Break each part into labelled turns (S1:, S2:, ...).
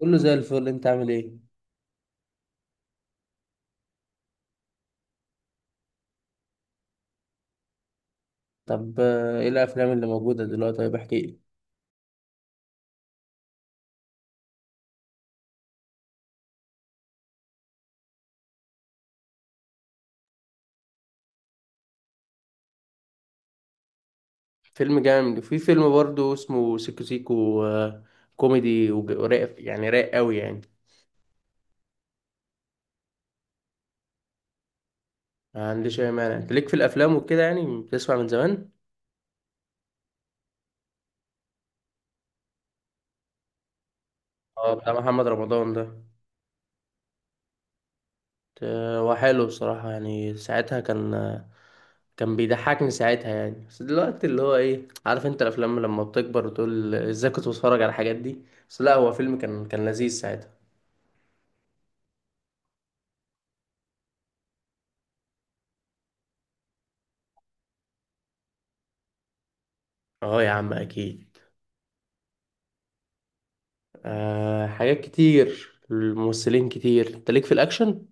S1: كله زي الفل، انت عامل ايه؟ طب ايه الافلام اللي موجوده دلوقتي؟ طيب احكي لي. فيلم جامد، وفي فيلم برضه اسمه سيكو سيكو. كوميدي ورايق، يعني رايق قوي يعني. ما عنديش اي مانع، انت ليك في الافلام وكده، يعني بتسمع من زمان. اه، بتاع محمد رمضان ده. هو حلو بصراحه، يعني ساعتها كان. كان بيضحكني ساعتها يعني، بس دلوقتي اللي هو ايه، عارف انت الافلام لما بتكبر وتقول ازاي كنت بتفرج على الحاجات دي؟ بس لا، هو فيلم كان لذيذ ساعتها. اه يا عم اكيد. آه حاجات كتير، الممثلين كتير، انت ليك في الاكشن.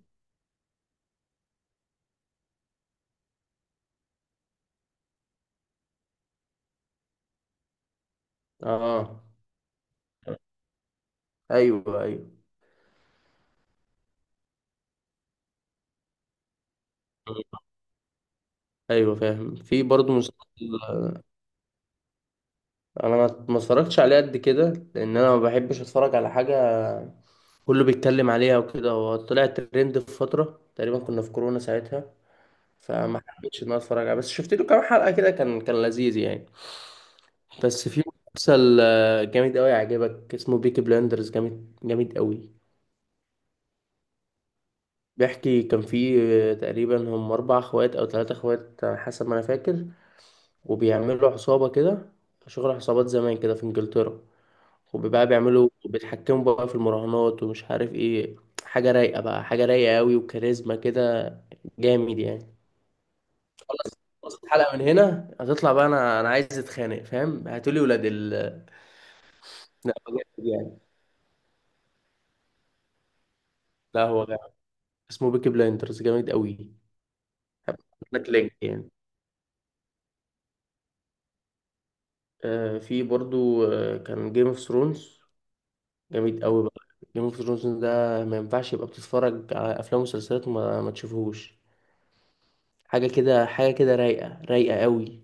S1: اه ايوه، ايوه. ايوه فاهم، في برضه مسلسل. انا ما اتفرجتش عليه قد كده، لان انا ما بحبش اتفرج على حاجه كله بيتكلم عليها وكده. هو طلع ترند في فتره، تقريبا كنا في كورونا ساعتها. فما حبيتش ان انا اتفرج عليه، بس شفت له كام حلقه كده، كان لذيذ يعني. بس في مسلسل جامد قوي يعجبك، اسمه بيكي بلاندرز، جامد، جامد قوي. بيحكي كان في تقريبا هم أربع أخوات أو ثلاثة أخوات على حسب ما أنا فاكر، وبيعملوا عصابة كده، شغل عصابات زمان كده في إنجلترا. وبقى بيعملوا بيتحكموا بقى في المراهنات ومش عارف إيه. حاجة رايقة بقى، حاجة رايقة أوي، وكاريزما كده، جامد يعني. خلاص، خلاص، الحلقة من هنا هتطلع بقى، أنا عايز أتخانق، فاهم؟ هاتولي ولاد ال- لا هو جامد يعني. لا هو جامد، اسمه بيكي بلايندرز، جامد أوي. هبعت لك لينك يعني. في برضو كان جيم اوف ثرونز، جامد قوي بقى. جيم اوف ثرونز ده ما ينفعش يبقى بتتفرج على افلام ومسلسلات وما ما تشوفهوش. حاجه كده، حاجه كده، رايقه، رايقه قوي.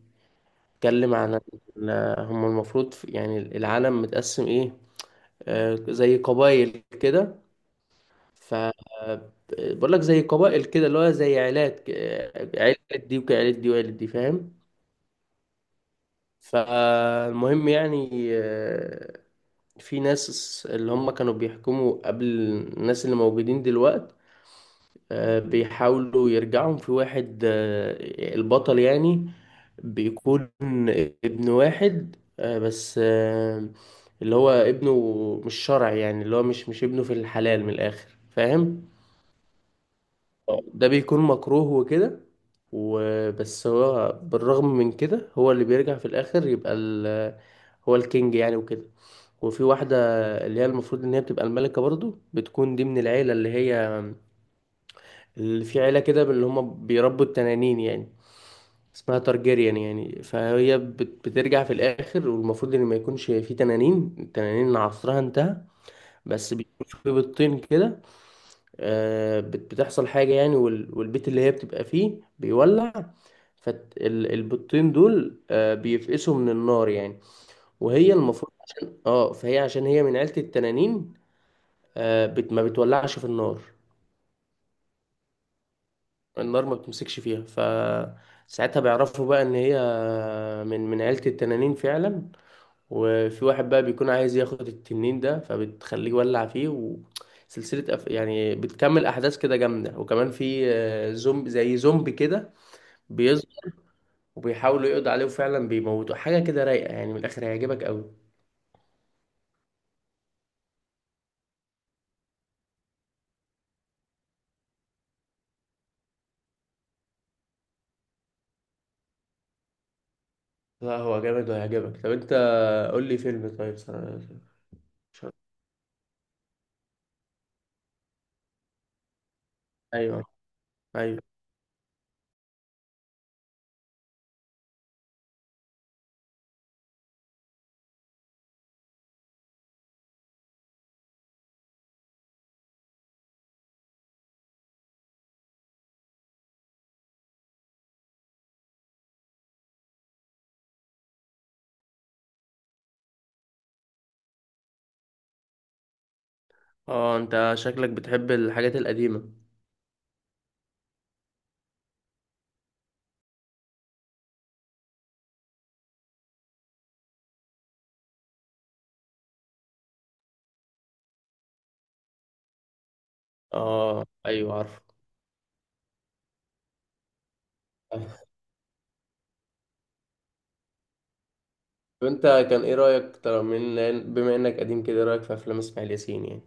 S1: اتكلم عن هم المفروض يعني العالم متقسم ايه، آه، زي قبائل كده. ف بقول لك زي قبائل كده، اللي هو زي عيلات عيلة دي وعيلة دي وعيلة دي، فاهم؟ فالمهم يعني آه، في ناس اللي هم كانوا بيحكموا قبل الناس اللي موجودين دلوقت. بيحاولوا يرجعهم في واحد، البطل يعني، بيكون ابن واحد، بس، اللي هو ابنه مش شرعي، يعني اللي هو مش ابنه في الحلال من الآخر، فاهم؟ ده بيكون مكروه وكده، وبس هو بالرغم من كده هو اللي بيرجع في الآخر يبقى ال- هو الكينج يعني وكده. وفي واحدة اللي هي المفروض إن هي بتبقى الملكة برضو، بتكون دي من العيلة اللي هي اللي في عيلة كده، اللي هم بيربوا التنانين يعني، اسمها تارجيريان يعني. فهي بت- بترجع في الآخر، والمفروض إن ما يكونش في تنانين، التنانين عصرها انتهى. بس بيكون في بيضتين كده، بت- بتحصل حاجة يعني، والبيت اللي هي بتبقى فيه بيولع. فالبيضتين دول بيفقسوا من النار يعني. وهي المفروض عشان اه، فهي عشان هي من عيلة التنانين، بت- ما بتولعش في النار، النار ما بتمسكش فيها. فساعتها بيعرفوا بقى ان هي من عيلة التنانين فعلا. وفي واحد بقى بيكون عايز ياخد التنين ده، فبتخليه يولع فيه. وسلسلة يعني بتكمل احداث كده جامدة. وكمان في زومبي، زي زومبي كده بيظهر، وبيحاولوا يقضوا عليه وفعلا بيموتوا. حاجة كده رايقة يعني، من الاخر هيعجبك قوي. لا هو جامد وهيعجبك. طب انت قول لي فيلم، طيب س- ايوه، ايوه. اه انت شكلك بتحب الحاجات القديمة. اه ايوه عارف. وانت كان ايه رايك ترى من، بما انك قديم كده، ايه رايك في افلام اسماعيل ياسين يعني؟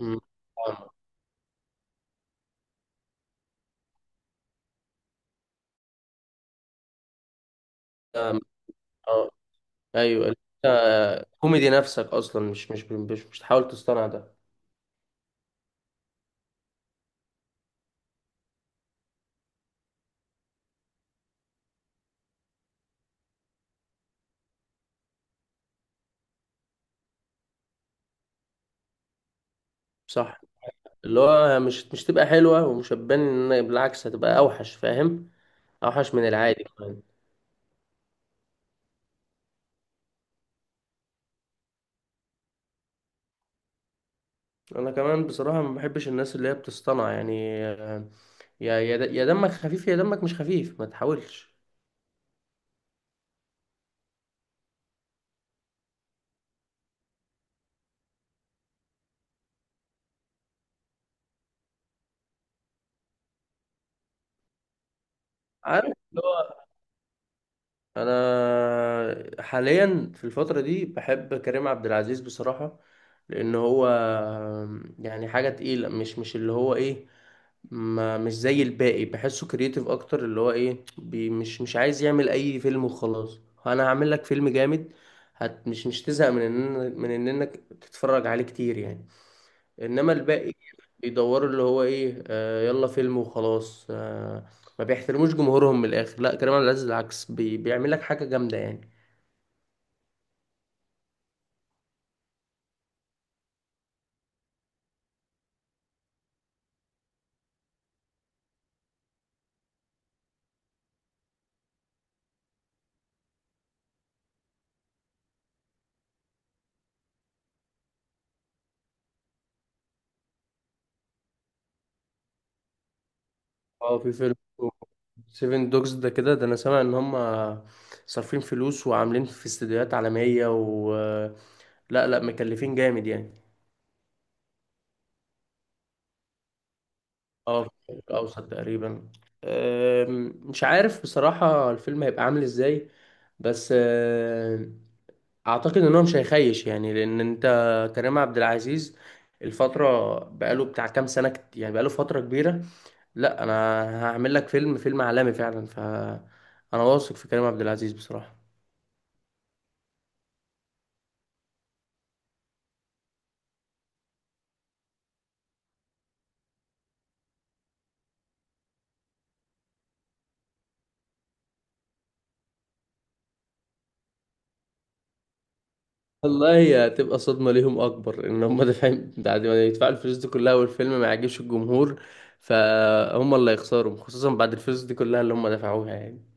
S1: امم اه. آه. ايوه انت كوميدي نفسك اصلا، مش تحاول تصطنع ده. صح، اللي هو مش تبقى حلوه ومش هتبان، ان بالعكس هتبقى اوحش، فاهم؟ اوحش من العادي كمان. انا كمان بصراحه ما بحبش الناس اللي هي بتصطنع يعني. يا دمك خفيف، يا دمك مش خفيف ما تحاولش. عارف اللي هو انا حاليا في الفتره دي بحب كريم عبد العزيز بصراحه، لان هو يعني حاجه تقيله، مش اللي هو ايه، ما مش زي الباقي، بحسه كرييتيف اكتر، اللي هو ايه بي مش عايز يعمل اي فيلم وخلاص. انا هعمل لك فيلم جامد، هت مش تزهق من ان انك تتفرج عليه كتير يعني. انما الباقي بيدوروا اللي هو ايه، آه يلا فيلم وخلاص آه، ما بيحترموش جمهورهم من الاخر. لا، كريم عبد العزيز العكس، بي بيعمل لك حاجه جامده يعني. اه، في فيلم سيفن دوجز ده كده، ده انا سامع ان هم صارفين فلوس وعاملين في استديوهات عالمية و- لا لا، مكلفين جامد يعني. اه في الشرق الاوسط تقريبا. مش عارف بصراحة الفيلم هيبقى عامل ازاي، بس اعتقد ان هو مش هيخيش يعني، لان انت كريم عبد العزيز الفترة بقاله بتاع كام سنة، كت- يعني بقاله فترة كبيرة. لا انا هعمل لك فيلم، فيلم عالمي فعلا. ف انا واثق في كريم عبد العزيز بصراحة. والله هي هتبقى صدمة ليهم أكبر إن هم دافعين، بعد ما يدفعوا الفلوس دي كلها والفيلم ما يعجبش الجمهور، فهم اللي هيخسروا، خصوصا بعد الفلوس دي كلها اللي هم دفعوها يعني.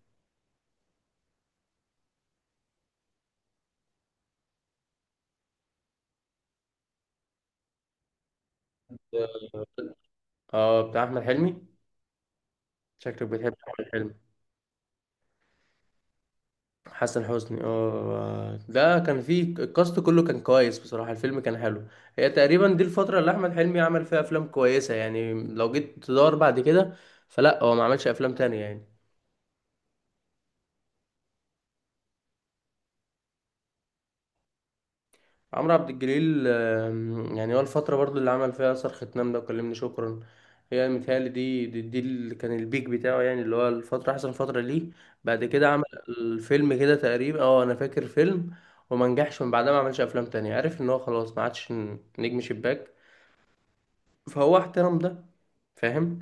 S1: اه. بتاع أحمد حلمي. شكلك بتحب أحمد حلمي. حسن حسني، اه، ده كان فيه الكاست كله كان كويس، بصراحة الفيلم كان حلو. هي تقريبا دي الفترة اللي أحمد حلمي عمل فيها أفلام كويسة، يعني لو جيت تدور بعد كده فلا، هو ما عملش أفلام تانية يعني. عمرو عبد الجليل، يعني هو الفترة برضو اللي عمل فيها أثر ختنام ده وكلمني شكرا، هي متهيألي دي اللي كان البيك بتاعه يعني، اللي هو الفترة أحسن فترة ليه. بعد كده عمل الفيلم كده تقريبا، اه أنا فاكر فيلم، وما نجحش من بعدها ما عملش أفلام تانية، عرف إن هو خلاص ما عادش نجم شباك، فهو احترم ده، فاهم؟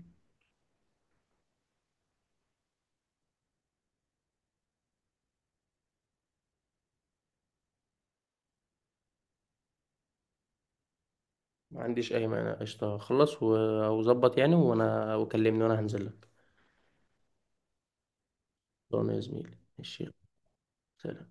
S1: ما عنديش أي مانع، قشطة، خلص و- وظبط يعني، وأنا وكلمني وأنا هنزل لك. طبعا يا زميلي، ماشي. سلام.